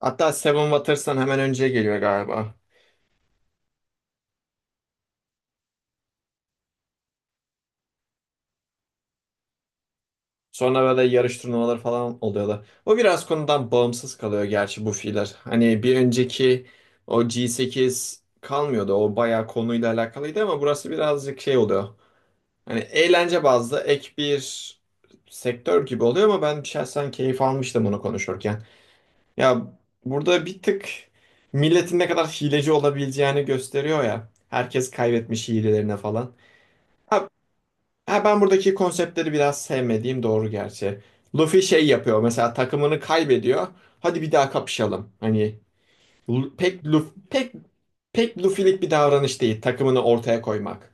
Hatta Seven Waters'tan hemen önce geliyor galiba. Sonra böyle yarış turnuvaları falan oluyorlar. O biraz konudan bağımsız kalıyor gerçi bu fiiller. Hani bir önceki o G8 kalmıyordu. O bayağı konuyla alakalıydı ama burası birazcık şey oluyor. Hani eğlence bazlı ek bir sektör gibi oluyor ama ben şahsen keyif almıştım bunu konuşurken. Ya burada bir tık milletin ne kadar hileci olabileceğini gösteriyor ya. Herkes kaybetmiş hilelerine falan. Ha, Ha, ben buradaki konseptleri biraz sevmediğim doğru gerçi. Luffy şey yapıyor mesela takımını kaybediyor. Hadi bir daha kapışalım. Hani Lu- pek Luffy, pek pek Luffy'lik bir davranış değil takımını ortaya koymak.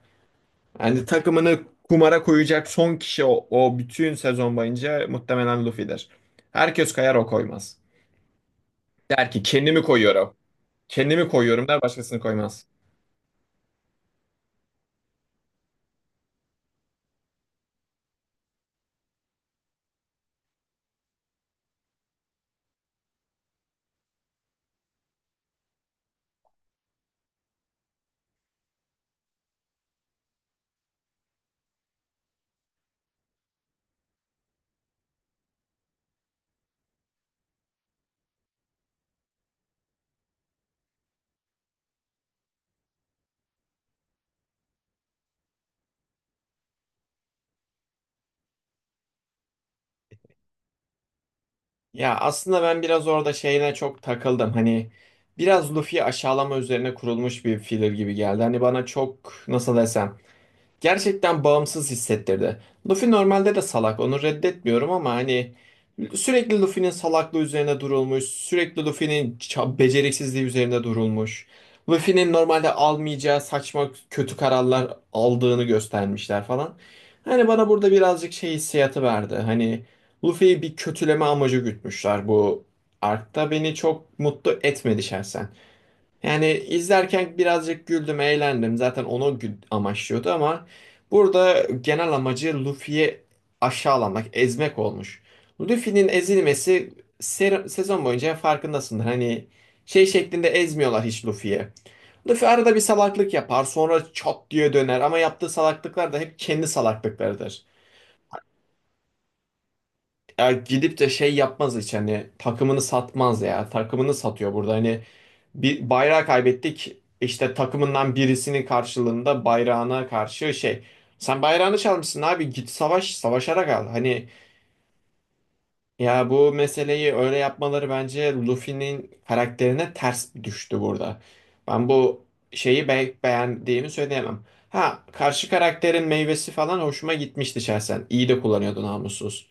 Yani takımını kumara koyacak son kişi o bütün sezon boyunca muhtemelen Luffy'dir. Herkes kayar o koymaz. Der ki kendimi koyuyorum. Kendimi koyuyorum der başkasını koymaz. Ya aslında ben biraz orada şeyine çok takıldım. Hani biraz Luffy'yi aşağılama üzerine kurulmuş bir filler gibi geldi. Hani bana çok nasıl desem gerçekten bağımsız hissettirdi. Luffy normalde de salak, onu reddetmiyorum ama hani sürekli Luffy'nin salaklığı üzerine durulmuş, sürekli Luffy'nin beceriksizliği üzerine durulmuş. Luffy'nin normalde almayacağı saçma kötü kararlar aldığını göstermişler falan. Hani bana burada birazcık şey hissiyatı verdi. Hani Luffy'yi bir kötüleme amacı gütmüşler bu arkta beni çok mutlu etmedi şahsen. Yani izlerken birazcık güldüm, eğlendim. Zaten onu amaçlıyordu ama burada genel amacı Luffy'yi aşağılamak, ezmek olmuş. Luffy'nin ezilmesi sezon boyunca farkındasındır. Hani şey şeklinde ezmiyorlar hiç Luffy'ye. Luffy arada bir salaklık yapar, sonra çat diye döner ama yaptığı salaklıklar da hep kendi salaklıklarıdır. Ya gidip de şey yapmaz hiç hani takımını satmaz ya. Takımını satıyor burada hani bir bayrağı kaybettik. İşte takımından birisinin karşılığında bayrağına karşı şey. Sen bayrağını çalmışsın abi git savaş savaşarak al. Hani ya bu meseleyi öyle yapmaları bence Luffy'nin karakterine ters düştü burada. Ben bu şeyi beğendiğimi söyleyemem. Ha karşı karakterin meyvesi falan hoşuma gitmişti şahsen. İyi de kullanıyordu namussuz.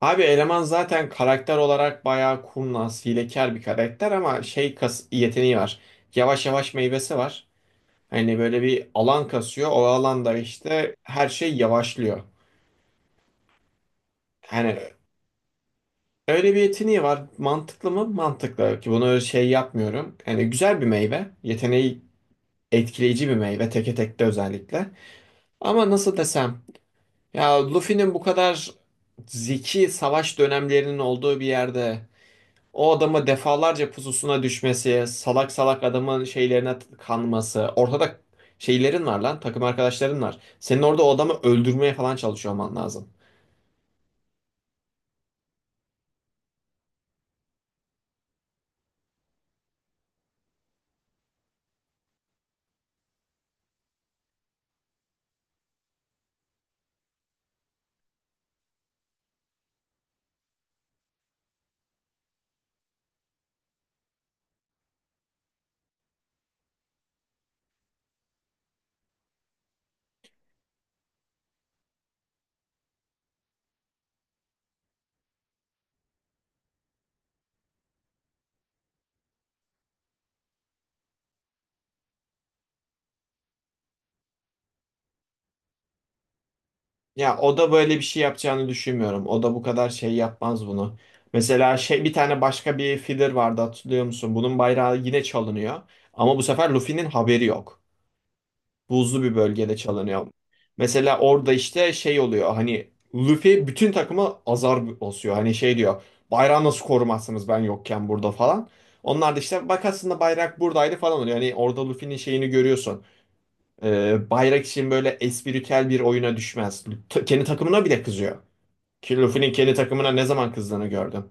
Abi eleman zaten karakter olarak bayağı kurnaz, hilekar bir karakter ama şey kas yeteneği var. Yavaş yavaş meyvesi var. Hani böyle bir alan kasıyor. O alanda işte her şey yavaşlıyor. Hani öyle bir yeteneği var. Mantıklı mı? Mantıklı. Ki bunu şey yapmıyorum. Yani güzel bir meyve. Yeteneği etkileyici bir meyve. Teke tekte özellikle. Ama nasıl desem? Ya Luffy'nin bu kadar zeki savaş dönemlerinin olduğu bir yerde o adamı defalarca pususuna düşmesi, salak salak adamın şeylerine kanması. Ortada şeylerin var lan, takım arkadaşların var. Senin orada o adamı öldürmeye falan çalışıyor olman lazım. Ya o da böyle bir şey yapacağını düşünmüyorum. O da bu kadar şey yapmaz bunu. Mesela şey bir tane başka bir filler vardı hatırlıyor musun? Bunun bayrağı yine çalınıyor. Ama bu sefer Luffy'nin haberi yok. Buzlu bir bölgede çalınıyor. Mesela orada işte şey oluyor hani Luffy bütün takıma azar basıyor. Hani şey diyor bayrağı nasıl korumazsınız ben yokken burada falan. Onlar da işte bak aslında bayrak buradaydı falan oluyor. Hani orada Luffy'nin şeyini görüyorsun. Bayrak için böyle espritüel bir oyuna düşmez. Kendi takımına bile kızıyor. Ki Luffy'nin kendi takımına ne zaman kızdığını gördün.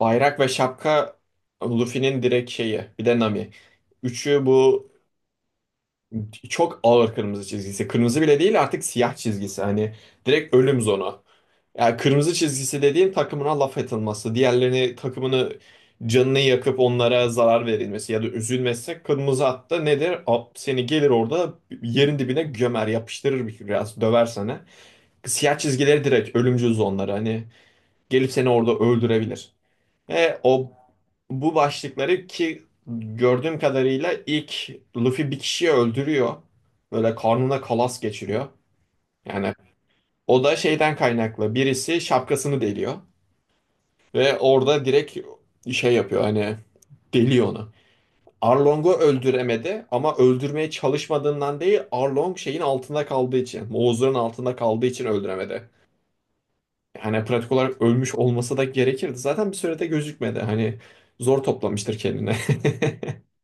Bayrak ve şapka Luffy'nin direkt şeyi. Bir de Nami. Üçü bu çok ağır kırmızı çizgisi. Kırmızı bile değil artık siyah çizgisi. Hani direkt ölüm zonu. Yani kırmızı çizgisi dediğin takımına laf atılması. Diğerlerini takımını canını yakıp onlara zarar verilmesi ya da üzülmesi. Kırmızı hatta nedir? Seni gelir orada yerin dibine gömer, yapıştırır bir biraz, döver sana. Siyah çizgileri direkt ölümcül zonları. Hani gelip seni orada öldürebilir. O bu başlıkları ki gördüğüm kadarıyla ilk Luffy bir kişiyi öldürüyor. Böyle karnına kalas geçiriyor. Yani o da şeyden kaynaklı. Birisi şapkasını deliyor ve orada direkt şey yapıyor hani deliyor onu. Arlong'u öldüremedi ama öldürmeye çalışmadığından değil Arlong şeyin altında kaldığı için, Moğuzların altında kaldığı için öldüremedi. Yani pratik olarak ölmüş olması da gerekirdi. Zaten bir sürede gözükmedi. Hani zor toplamıştır kendine.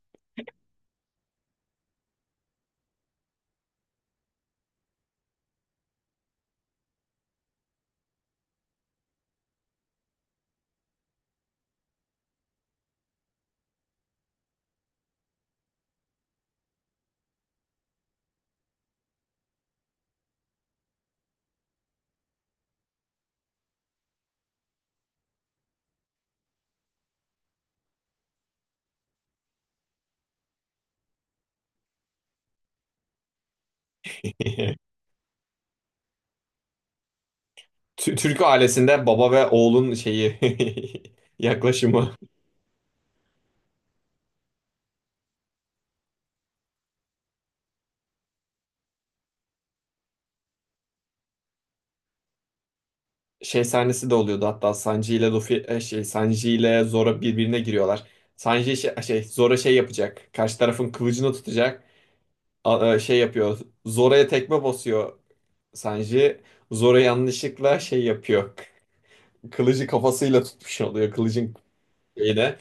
Tü- Türk ailesinde baba ve oğlun şeyi yaklaşımı şey sahnesi de oluyordu hatta Sanji ile Luffy şey Sanji ile Zoro birbirine giriyorlar. Sanji şey Zoro şey yapacak. Karşı tarafın kılıcını tutacak. Şey yapıyor. Zoro'ya tekme basıyor Sanji. Zoro yanlışlıkla şey yapıyor. Kılıcı kafasıyla tutmuş oluyor kılıcın şeyine.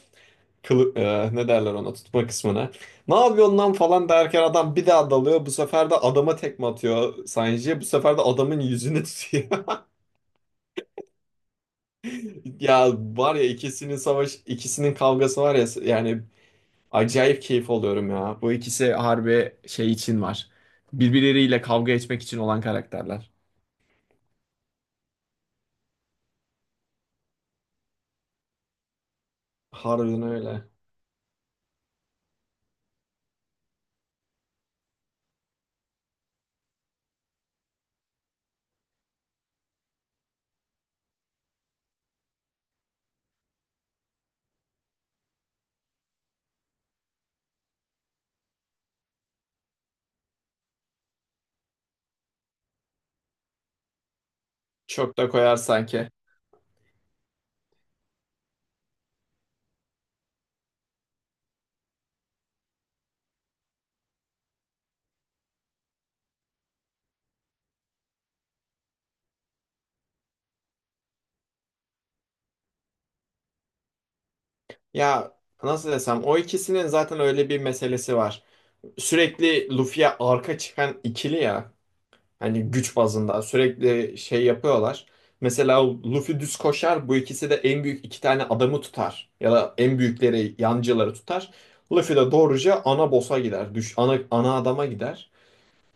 Ne derler ona tutma kısmına. Ne yapıyorsun lan falan derken adam bir daha dalıyor. Bu sefer de adama tekme atıyor Sanji. Bu sefer de adamın yüzünü tutuyor. Ya var ya ikisinin kavgası var ya yani acayip keyif alıyorum ya. Bu ikisi harbi şey için var. Birbirleriyle kavga etmek için olan karakterler. Harbiden öyle. Çok da koyar sanki. Ya nasıl desem o ikisinin zaten öyle bir meselesi var. Sürekli Luffy'ye arka çıkan ikili ya. Hani güç bazında sürekli şey yapıyorlar. Mesela Luffy düz koşar bu ikisi de en büyük iki tane adamı tutar. Ya da en büyükleri yancıları tutar. Luffy de doğruca ana boss'a gider. Ana adama gider.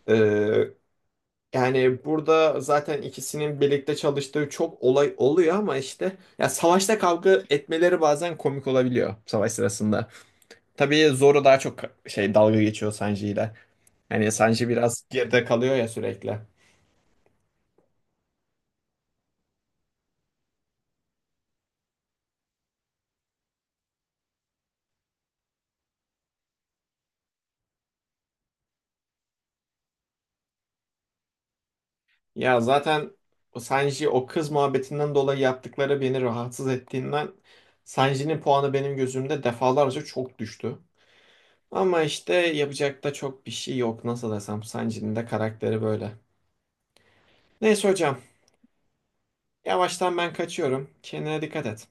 Ee, Yani burada zaten ikisinin birlikte çalıştığı çok olay oluyor ama işte ya savaşta kavga etmeleri bazen komik olabiliyor savaş sırasında. Tabii Zoro daha çok şey dalga geçiyor Sanji ile. Hani Sanji biraz geride kalıyor ya sürekli. Ya zaten o Sanji o kız muhabbetinden dolayı yaptıkları beni rahatsız ettiğinden Sanji'nin puanı benim gözümde defalarca çok düştü. Ama işte yapacak da çok bir şey yok. Nasıl desem Sanji'nin de karakteri böyle. Neyse hocam, yavaştan ben kaçıyorum. Kendine dikkat et.